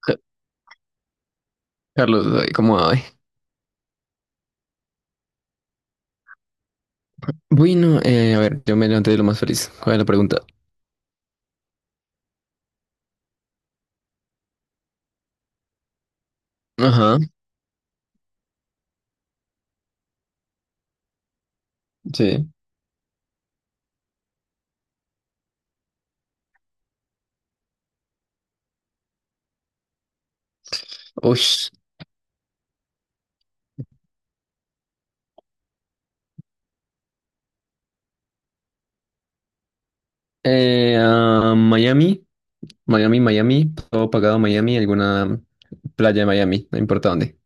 Ca- Carlos, ay, ¿cómo hay? Bueno, a ver, yo me levanté de lo más feliz. ¿Cuál es la pregunta? Ajá, sí. Uy. Miami, Miami, todo pagado Miami, alguna playa de Miami, no importa dónde.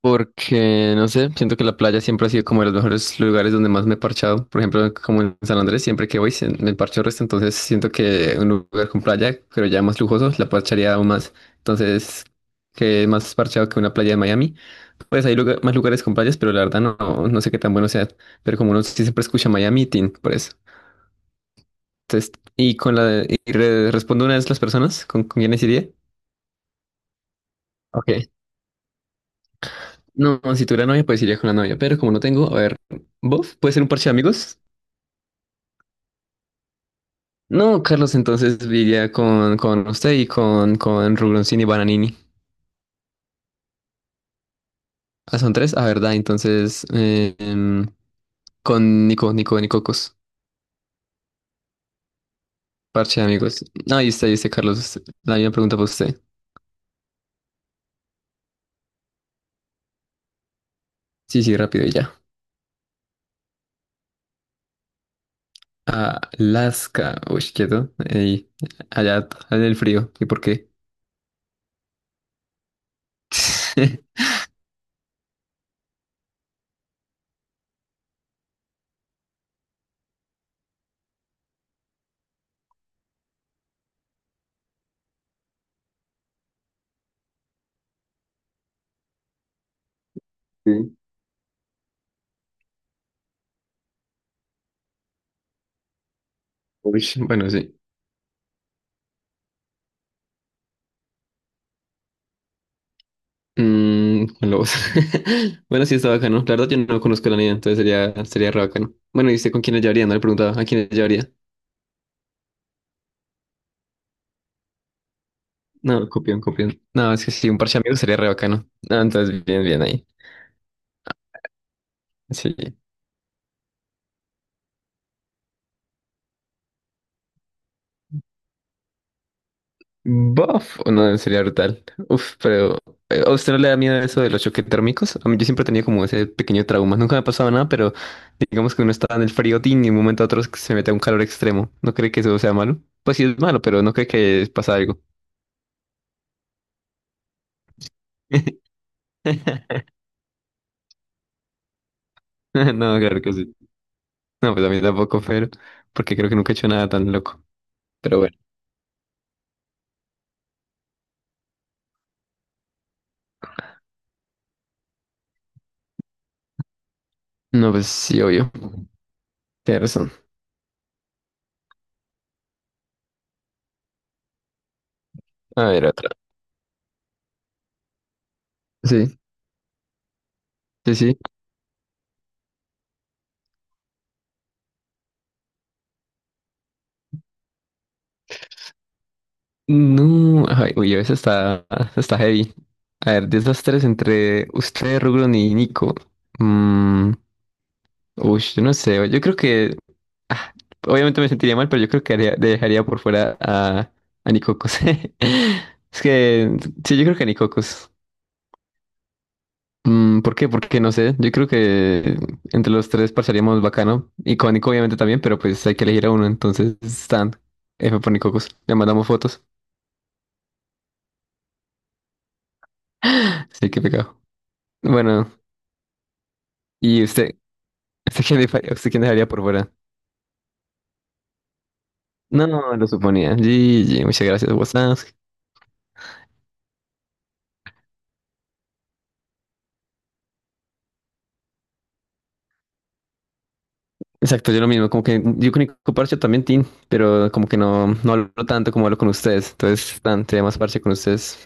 Porque, no sé, siento que la playa siempre ha sido como de los mejores lugares donde más me he parchado. Por ejemplo, como en San Andrés, siempre que voy me parcho el resto. Entonces siento que un lugar con playa, pero ya más lujoso, la parcharía aún más. Entonces, que más parchado que una playa de Miami. Pues más lugares con playas, pero la verdad no, no sé qué tan bueno sea. Pero como uno sí siempre escucha Miami, tin, por eso. Entonces, y con respondo una de las personas con quiénes iría. Ok. No, si tuviera novia, pues iría con la novia, pero como no tengo, a ver, ¿vos? ¿Puede ser un parche de amigos? No, Carlos, entonces iría con usted y con Rubroncini y Bananini. Ah, son tres, ah, verdad, entonces con Nicocos, parche de amigos. No, ahí está, Carlos, la misma pregunta para usted. Sí, sí, rápido y ya. Alaska, uy, quieto, ey, allá en el frío, ¿y por qué? Sí. Uy, bueno, sí. Mm, con lobos. Bueno, sí, está bacano. La verdad, yo no conozco la niña, entonces sería re bacano. Bueno, ¿y usted con quiénes llevaría? No le preguntaba. ¿A quiénes llevaría? No, copión, copión. No, es que sí, un parche de amigos sería re bacano. Ah, entonces, bien, bien ahí. Sí. Buff, no, sería brutal. Uf, pero ¿a usted no le da miedo eso de los choques térmicos? A mí yo siempre tenía como ese pequeño trauma. Nunca me ha pasado nada, pero digamos que uno está en el frío tin y de un momento a otro se mete a un calor extremo. ¿No cree que eso sea malo? Pues sí es malo, pero no cree que pasa algo. No, claro que sí. No, pues a mí tampoco, pero porque creo que nunca he hecho nada tan loco. Pero bueno. No, pues sí, obvio. Tienes razón. A ver, otra. Sí, sí, sí. No, ay, uy, esa está, está heavy. A ver, desastres entre usted, Rugron y Nico. Mm, uy, yo no sé. Yo creo que. Ah, obviamente me sentiría mal, pero yo creo que dejaría por fuera a Nicocos. Es que. Sí, yo creo que a Nicocos. Mm, ¿por qué? Porque no sé. Yo creo que entre los tres parcharíamos bacano. Y con Nico obviamente también, pero pues hay que elegir a uno. Entonces Stan, F por Nicocos. Le mandamos fotos. Así que pecado. Bueno, ¿y usted? ¿Usted quién, usted quién dejaría por fuera? No, lo suponía. GG, muchas gracias, WhatsApp. Exacto, yo lo mismo. Como que yo con Nico parcho también, Tin. Pero como que no, no hablo tanto como hablo con ustedes. Entonces, Stan, sería más parche con ustedes.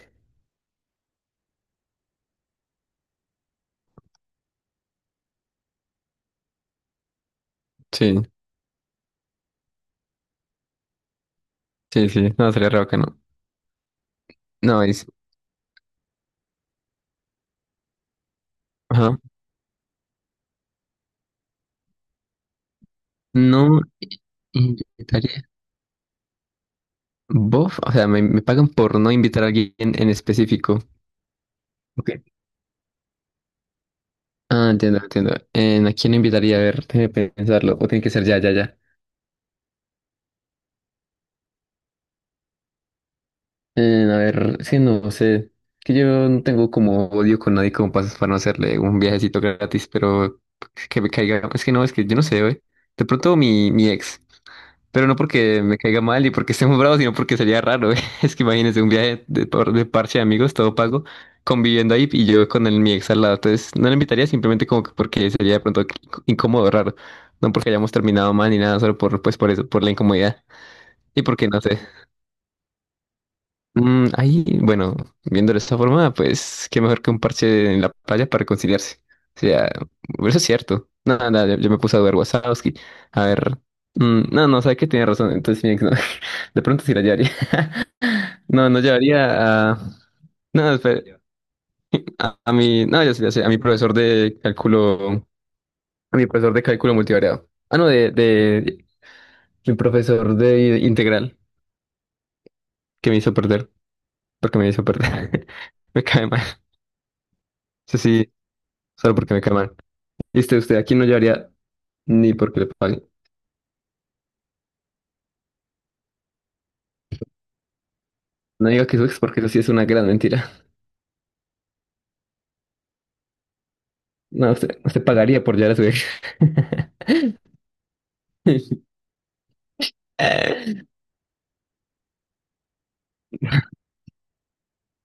Sí, sí, sí. No, sería re bacano. No, es... Ajá. No. ¿Bof? O sea, me pagan por no invitar a alguien en específico. Ok. Ah, entiendo, entiendo. ¿A quién no invitaría? A ver, déjame pensarlo. O tiene que ser ya, ya, ya. A ver, sí, no sé. Que yo no tengo como odio con nadie como pasas para no hacerle un viajecito gratis, pero que me caiga. Es que no, es que yo no sé, güey. De pronto mi ex. Pero no porque me caiga mal y porque esté muy bravo, sino porque sería raro. Es que imagínense un viaje de parche de amigos, todo pago, conviviendo ahí y yo con el, mi ex al lado. Entonces no le invitaría simplemente como que porque sería de pronto incómodo, raro. No porque hayamos terminado mal ni nada, solo por, pues, por eso, por la incomodidad. Y porque no sé. Mm, ahí, bueno, viendo de esta forma, pues qué mejor que un parche en la playa para reconciliarse. O sea, eso es cierto. No, nada, yo me puse a ver Wazowski. A ver. Mm, no, no, sabe que tiene razón. Entonces, mi ex no. De pronto sí la llevaría. No, no llevaría a. No, a mi. No, ya sé, a mi profesor de cálculo. A mi profesor de cálculo multivariado. Ah, no, de, de. Mi profesor de integral, que me hizo perder. Porque me hizo perder. Me cae mal. Eso sí, solo porque me cae mal. Y usted, usted aquí no llevaría ni porque le paguen. No diga que su ex, porque eso sí es una gran mentira. No, usted, usted pagaría por llevar a su ex.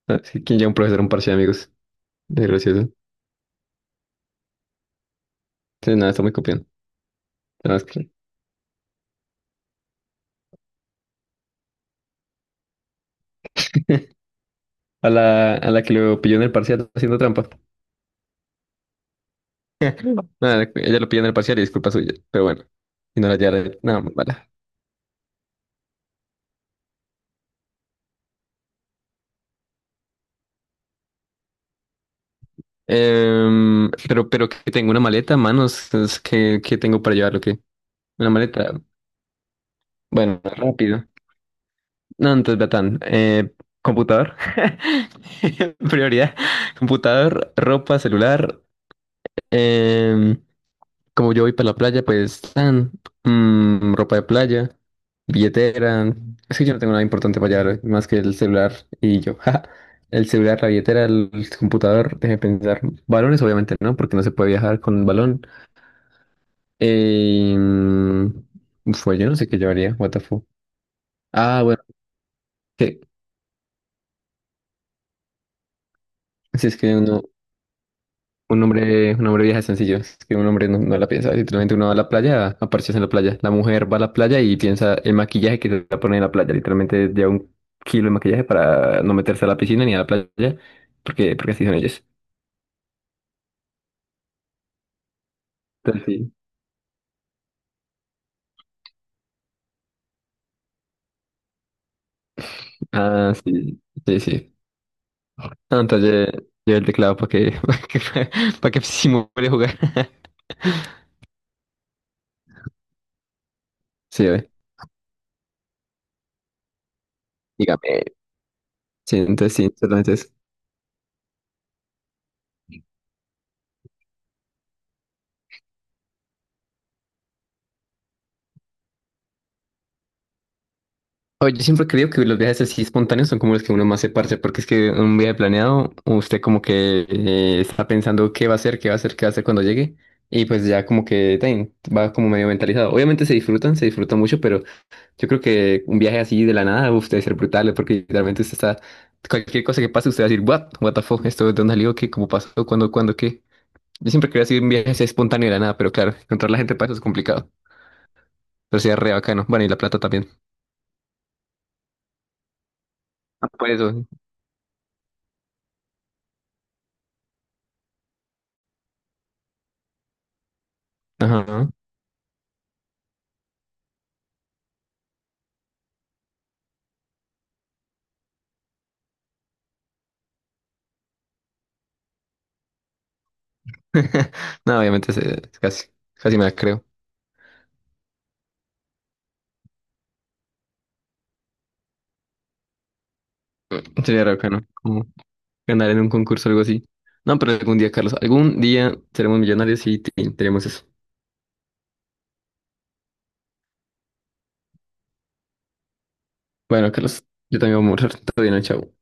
No, sí, ¿quién lleva un profesor a un parche de amigos? Desgracioso. Sí, nada, está muy copiando. Tenemos que- a la que lo pilló en el parcial haciendo trampa. Nada, ella lo pilló en el parcial y es culpa suya. Pero bueno, y no la llevará. Nada, mala. Em, pero que tengo una maleta, manos. Es que tengo para llevar lo que. Una maleta. Bueno, rápido. No, entonces, Betán, computador, prioridad, computador, ropa, celular. Em, como yo voy para la playa, pues, tan, mm, ropa de playa, billetera. Es que yo no tengo nada importante para llevar, más que el celular y yo. Ja. El celular, la billetera, el computador, déjeme pensar. Balones, obviamente, ¿no? Porque no se puede viajar con balón. Em, fue, yo no sé qué llevaría, what the fuck. Ah, bueno, que, si es que uno. Un hombre viaja sencillo, es que un hombre no, no la piensa, literalmente uno va a la playa, a parcharse en la playa, la mujer va a la playa y piensa el maquillaje que se va a poner en la playa, literalmente lleva un kilo de maquillaje para no meterse a la piscina ni a la playa, porque, porque así son ellos. Entonces, sí. Ah, sí, sí, sí. Ah, entonces lleva el teclado para que, para que simule jugar. Sí, ve. Dígame. Sí, entonces sí, solamente oye, yo siempre creo que los viajes así espontáneos son como los que uno más se parce, porque es que un viaje planeado, usted como que está pensando qué va a hacer, qué va a hacer, qué va a hacer cuando llegue, y pues ya como que tan, va como medio mentalizado. Obviamente se disfrutan mucho, pero yo creo que un viaje así de la nada, uf, debe ser brutal, porque literalmente usted está, cualquier cosa que pase, usted va a decir, what, what the fuck, esto de dónde salió, qué, cómo pasó, cuándo, qué. Yo siempre quería hacer un viaje así espontáneo de la nada, pero claro, encontrar la gente para eso es complicado, pero sería re bacano. Bueno, y la plata también. Ah, por eso. Ajá. No, obviamente casi, casi me la creo. Sería raro que no, como ganar en un concurso o algo así. No, pero algún día, Carlos, algún día seremos millonarios y tenemos eso. Bueno, Carlos, yo también voy a morir. Todo bien, chao.